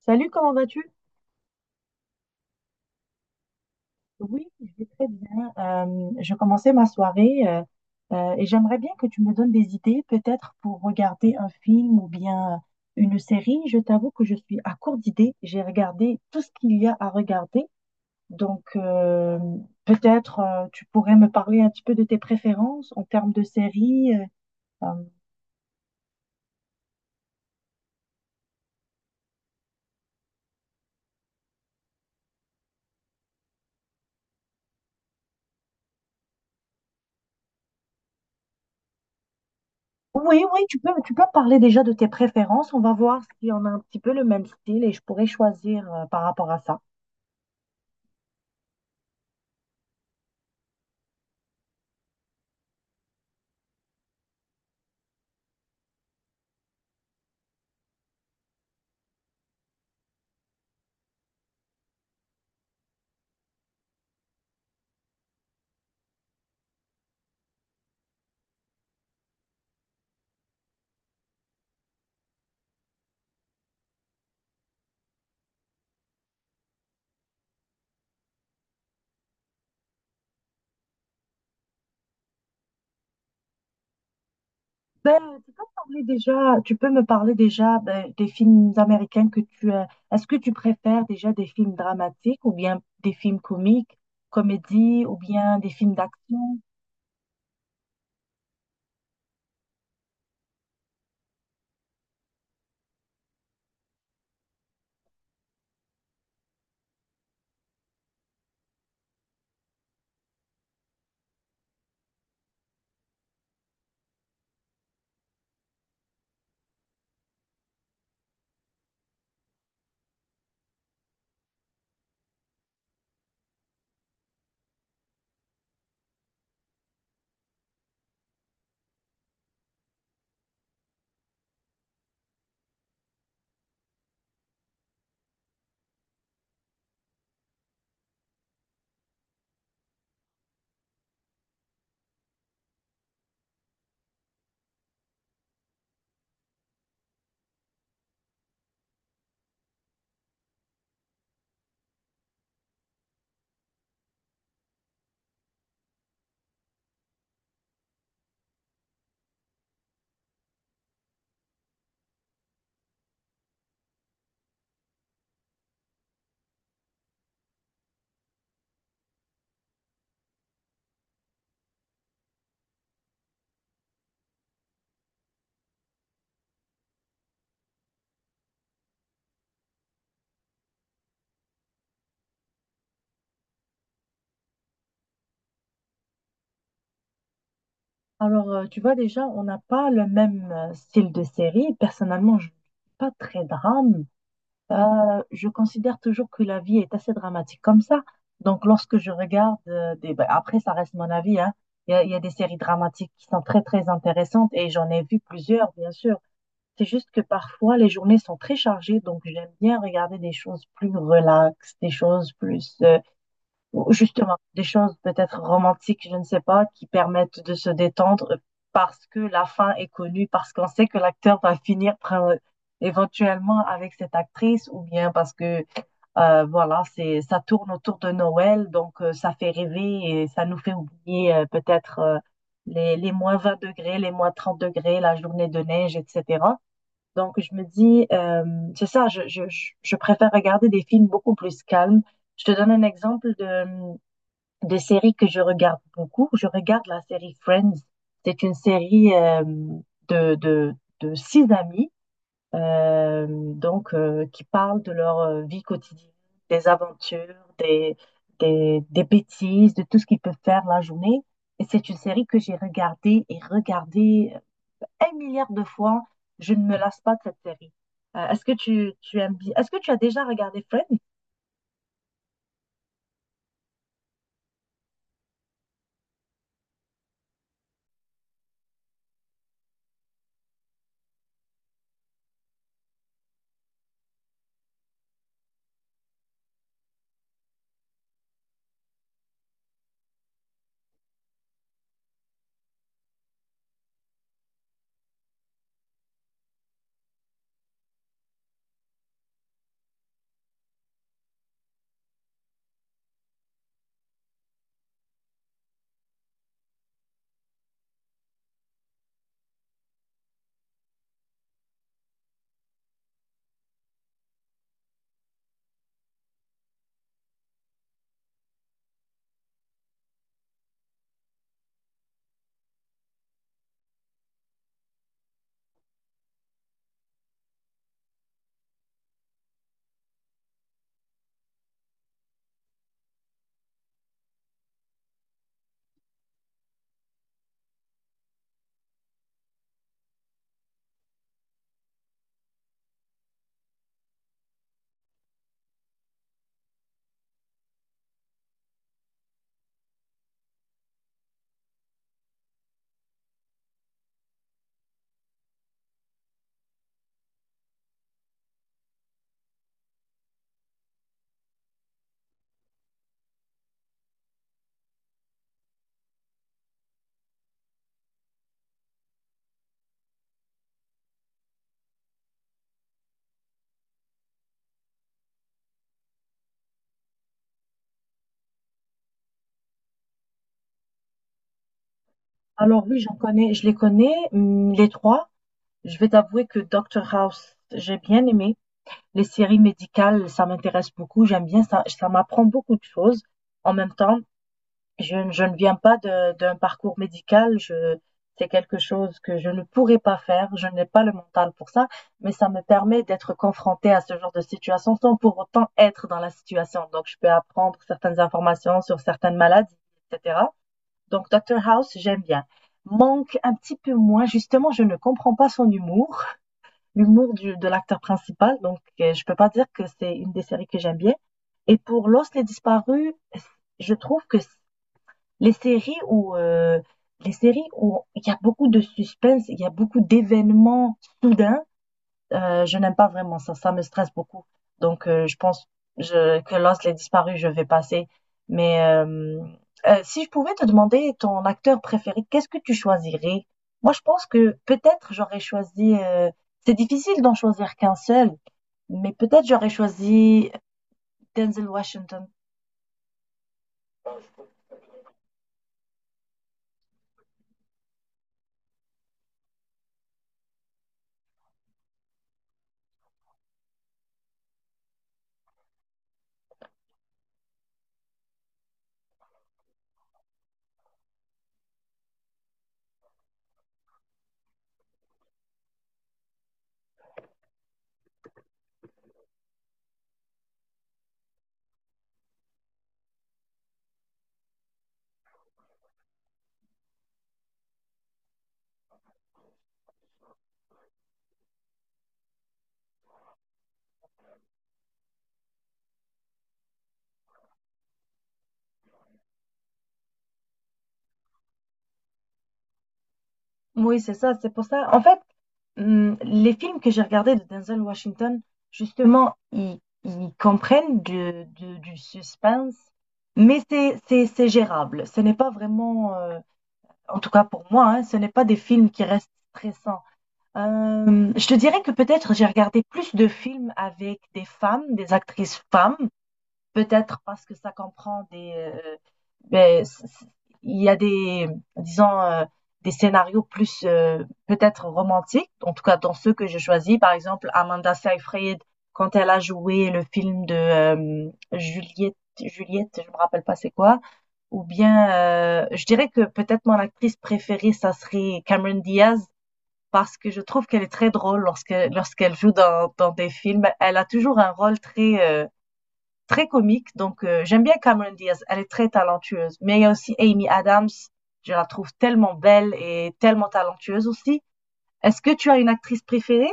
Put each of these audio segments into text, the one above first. Salut, comment vas-tu? Oui, je vais très bien. Je commençais ma soirée et j'aimerais bien que tu me donnes des idées, peut-être pour regarder un film ou bien une série. Je t'avoue que je suis à court d'idées. J'ai regardé tout ce qu'il y a à regarder. Donc, peut-être tu pourrais me parler un petit peu de tes préférences en termes de séries. Euh. Oui, oui, tu peux me parler déjà de tes préférences. On va voir si on a un petit peu le même style et je pourrais choisir par rapport à ça. Ben, tu peux me parler déjà, tu peux me parler déjà ben, des films américains que tu as. Est-ce que tu préfères déjà des films dramatiques ou bien des films comiques, comédies ou bien des films d'action? Alors, tu vois déjà, on n'a pas le même style de série. Personnellement, je ne suis pas très drame. Je considère toujours que la vie est assez dramatique comme ça. Donc, lorsque je regarde ben, après, ça reste mon avis, hein. Il y a des séries dramatiques qui sont très, très intéressantes et j'en ai vu plusieurs, bien sûr. C'est juste que parfois, les journées sont très chargées, donc j'aime bien regarder des choses plus relaxes, des choses plus, ou justement, des choses peut-être romantiques, je ne sais pas, qui permettent de se détendre parce que la fin est connue, parce qu'on sait que l'acteur éventuellement avec cette actrice, ou bien parce que, voilà, c'est, ça tourne autour de Noël, donc ça fait rêver et ça nous fait oublier peut-être les -20 degrés, les -30 degrés, la journée de neige, etc. Donc, je me dis, c'est ça, je préfère regarder des films beaucoup plus calmes. Je te donne un exemple de série que je regarde beaucoup. Je regarde la série Friends. C'est une série de, de, de six amis euh, qui parlent de leur vie quotidienne, des aventures, des bêtises, de tout ce qu'ils peuvent faire la journée. Et c'est une série que j'ai regardée et regardée un milliard de fois. Je ne me lasse pas de cette série. Est-ce que tu aimes bien? Est-ce que tu as déjà regardé Friends? Alors oui, je les connais, les trois. Je vais t'avouer que Doctor House, j'ai bien aimé. Les séries médicales, ça m'intéresse beaucoup. J'aime bien ça. Ça m'apprend beaucoup de choses. En même temps, je ne viens pas d'un parcours médical, je, c'est quelque chose que je ne pourrais pas faire, je n'ai pas le mental pour ça, mais ça me permet d'être confrontée à ce genre de situation sans pour autant être dans la situation. Donc, je peux apprendre certaines informations sur certaines maladies, etc. Donc, Dr. House, j'aime bien. Manque un petit peu moins, justement, je ne comprends pas son humour, l'humour de l'acteur principal, donc je peux pas dire que c'est une des séries que j'aime bien. Et pour Lost les disparus, je trouve que les séries où, heu, les séries où il y a beaucoup de suspense, il y a beaucoup d'événements soudains, je n'aime pas vraiment ça, ça me stresse beaucoup. Donc je pense je que Lost, Les Disparus, je vais passer. Mais si je pouvais te demander ton acteur préféré, qu'est-ce que tu choisirais? Moi, je pense que peut-être c'est difficile d'en choisir qu'un seul, mais peut-être j'aurais choisi Denzel Washington. Oui, c'est ça, c'est pour ça. En fait, les films que j'ai regardés de Denzel Washington, justement, ils comprennent du suspense, mais c'est gérable. Ce n'est pas vraiment, en tout cas pour moi, hein, ce n'est pas des films qui restent stressants. Je te dirais que peut-être j'ai regardé plus de films avec des femmes, des actrices femmes, peut-être parce que ça comprend ben, il y a des, disons, des scénarios plus peut-être romantiques, en tout cas dans ceux que je choisis. Par exemple, Amanda Seyfried, quand elle a joué le film de Juliette, je me rappelle pas c'est quoi. Ou bien, je dirais que peut-être mon actrice préférée, ça serait Cameron Diaz, parce que je trouve qu'elle est très drôle lorsqu'elle joue dans des films. Elle a toujours un rôle très comique. Donc, j'aime bien Cameron Diaz. Elle est très talentueuse. Mais il y a aussi Amy Adams. Je la trouve tellement belle et tellement talentueuse aussi. Est-ce que tu as une actrice préférée?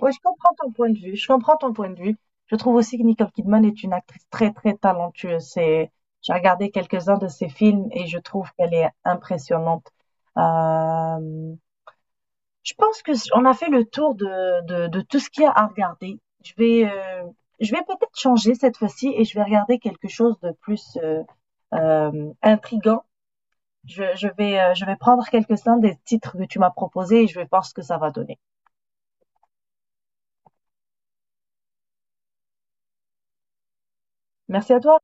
Oui, je comprends ton point de vue. Je comprends ton point de vue. Je trouve aussi que Nicole Kidman est une actrice très, très talentueuse. C'est, j'ai regardé quelques-uns de ses films et je trouve qu'elle est impressionnante. Euh, Je pense que on a fait le tour de tout ce qu'il y a à regarder. Je vais peut-être changer cette fois-ci et je vais regarder quelque chose de plus euh, intriguant. Je vais prendre quelques-uns des titres que tu m'as proposés et je vais voir ce que ça va donner. Merci à toi.